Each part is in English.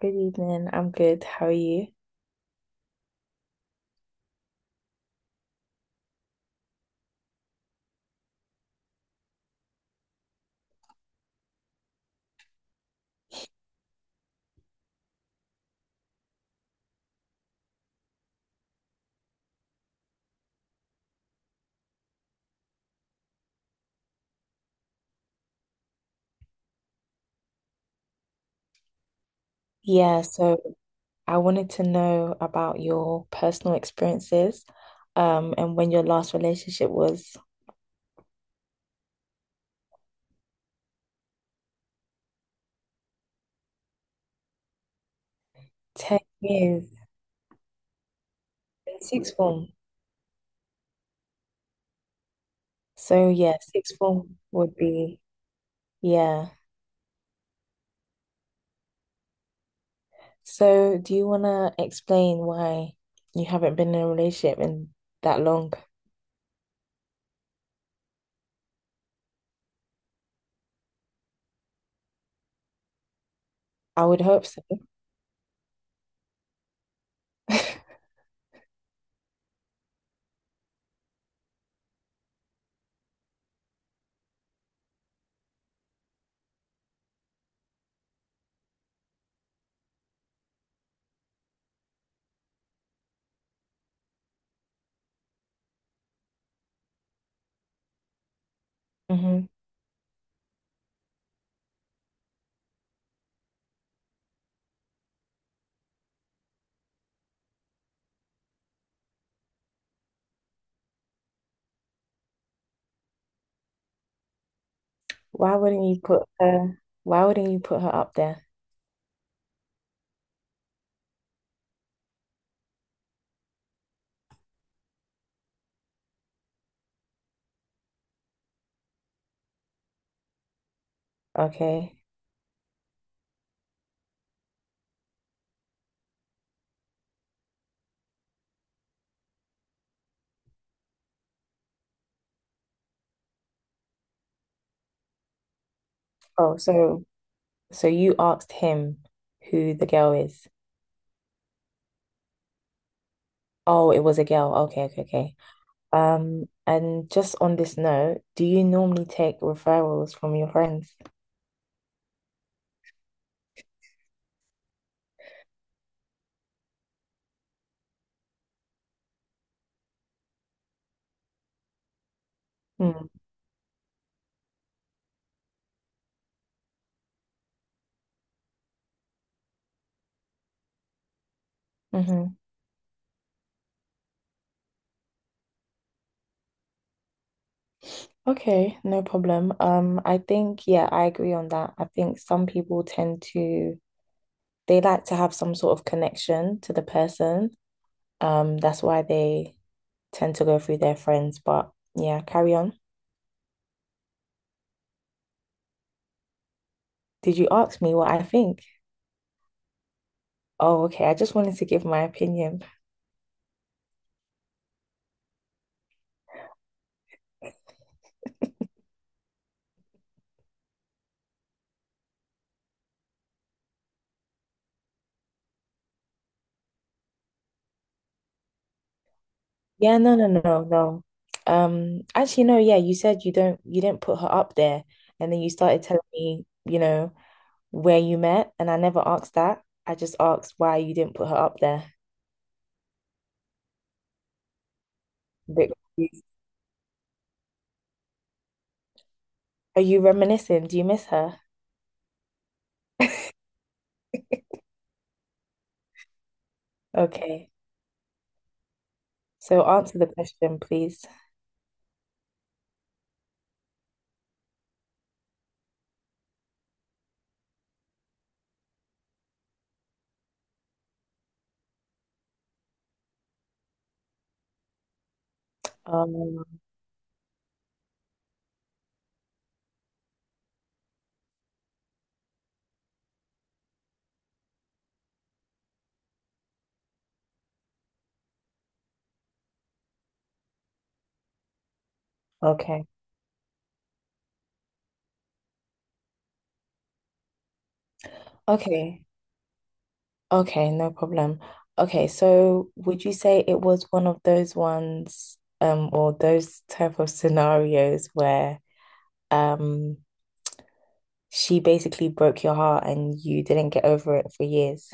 Good evening. I'm good. How are you? Yeah, so I wanted to know about your personal experiences, and when your last relationship was 10 years in sixth form. So yeah, sixth form would be, yeah. So do you wanna explain why you haven't been in a relationship in that long? I would hope so. Hmm. Why wouldn't you put her up there? Okay. Oh, so so you asked him who the girl is. Oh, it was a girl. Okay, okay, okay. And just on this note, do you normally take referrals from your friends? Mm, hmm. Okay, no problem. I think, yeah, I agree on that. I think some people tend to, they like to have some sort of connection to the person. That's why they tend to go through their friends. But yeah, carry on. Did you ask me what I think? Oh, okay. I just wanted to give my opinion. Yeah, no. Yeah, you said you didn't put her up there, and then you started telling me, you know, where you met, and I never asked that. I just asked why you didn't put her up there. A bit confused. Are you reminiscing? Do you miss her? Okay. So answer the question, please. Um, okay. Okay. Okay, no problem. Okay, so would you say it was one of those ones, or those type of scenarios where um she basically broke your heart and you didn't get over it for years?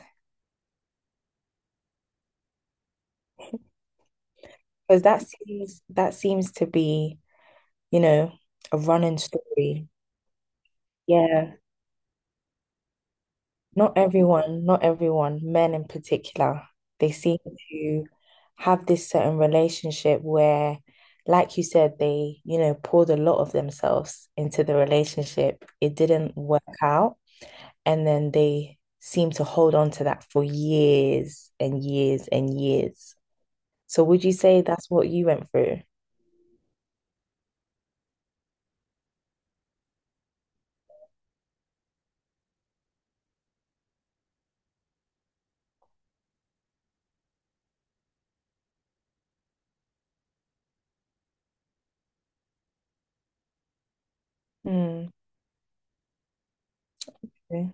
Because that seems to be, you know, a running story. Yeah, not everyone, men in particular, they seem to have this certain relationship where, like you said, they, you know, poured a lot of themselves into the relationship. It didn't work out. And then they seem to hold on to that for years and years and years. So would you say that's what you went through? Mm, okay.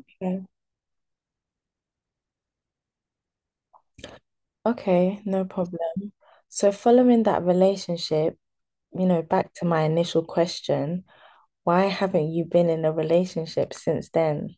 Okay, Okay. no problem. So following that relationship, you know, back to my initial question, why haven't you been in a relationship since then?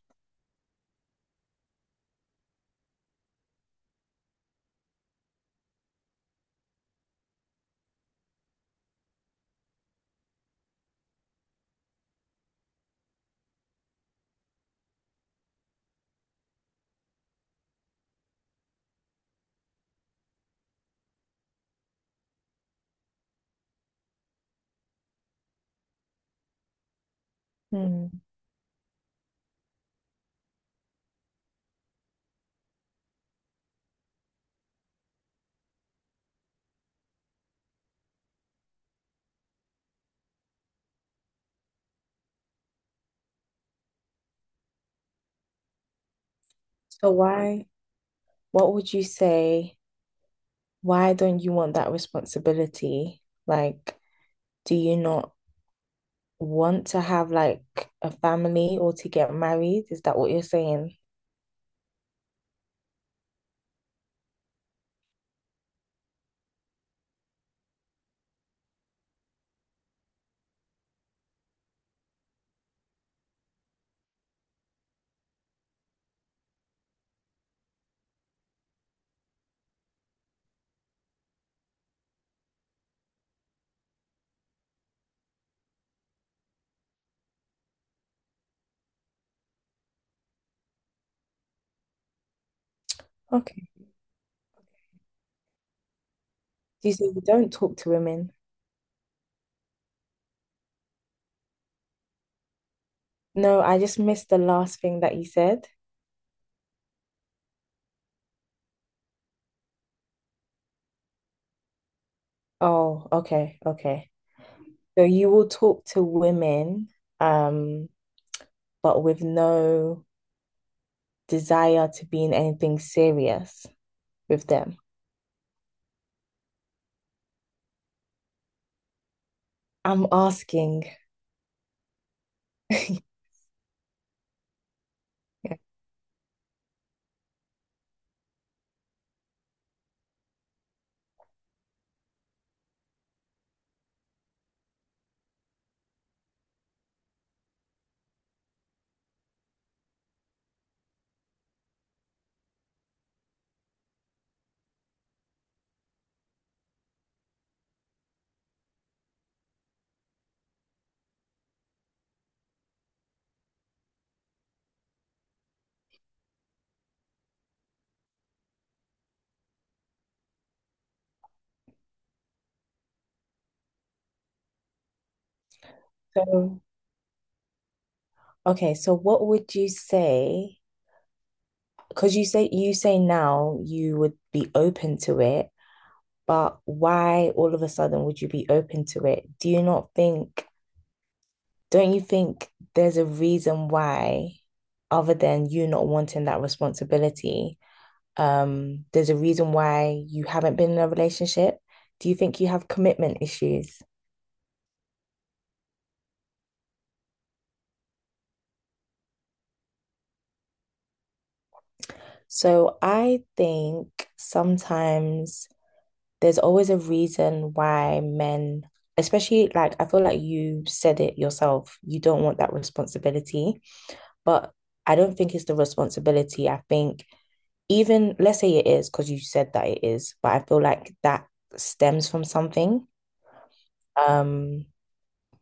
Mm. So what would you say? Why don't you want that responsibility? Like, do you not want to have like a family or to get married? Is that what you're saying? Okay. You say you don't talk to women. No, I just missed the last thing that you said. Oh, okay, okay. So you will talk to women, um, but with no desire to be in anything serious with them. I'm asking. So, okay, so what would you say? Because you say now you would be open to it, but why all of a sudden would you be open to it? Do you not think, Don't you think there's a reason why, other than you not wanting that responsibility, there's a reason why you haven't been in a relationship? Do you think you have commitment issues? So I think sometimes there's always a reason why men, especially like I feel like you said it yourself, you don't want that responsibility, but I don't think it's the responsibility. I think even let's say it is because you said that it is, but I feel like that stems from something. Um,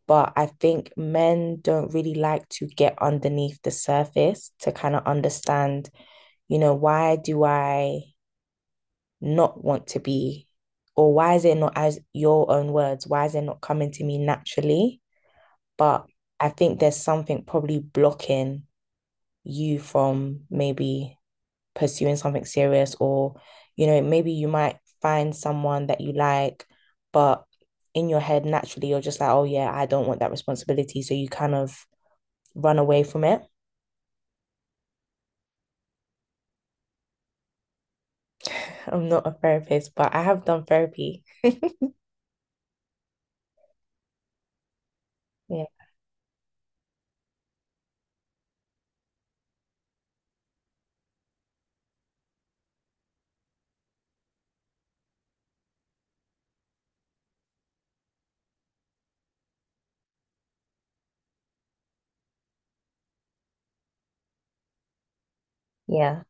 but I think men don't really like to get underneath the surface to kind of understand, you know, why do I not want to be? Or why is it not, as your own words, why is it not coming to me naturally? But I think there's something probably blocking you from maybe pursuing something serious, or, you know, maybe you might find someone that you like, but in your head, naturally, you're just like, oh, yeah, I don't want that responsibility. So you kind of run away from it. I'm not a therapist, but I have done therapy. Yeah. Yeah.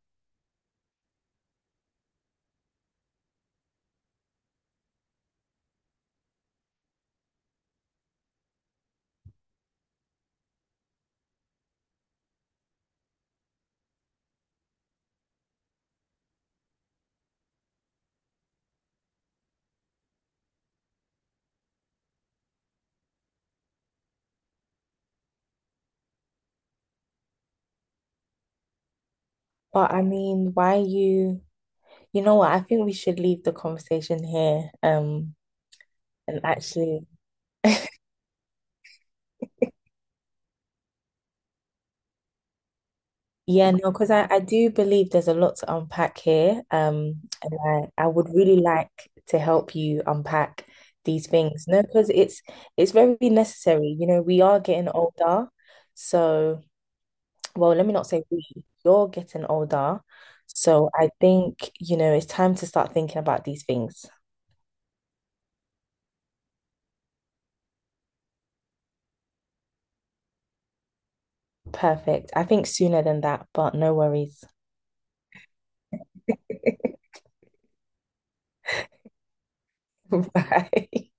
But I mean, why are you You know what? I think we should leave the conversation here. And actually, yeah, no, because I do believe there's a lot to unpack here. And I would really like to help you unpack these things. No, because it's very necessary. You know, we are getting older. So, well, let me not say we, you're getting older. So I think, you know, it's time to start thinking about these things. Perfect. I think sooner than that, but no worries. Bye.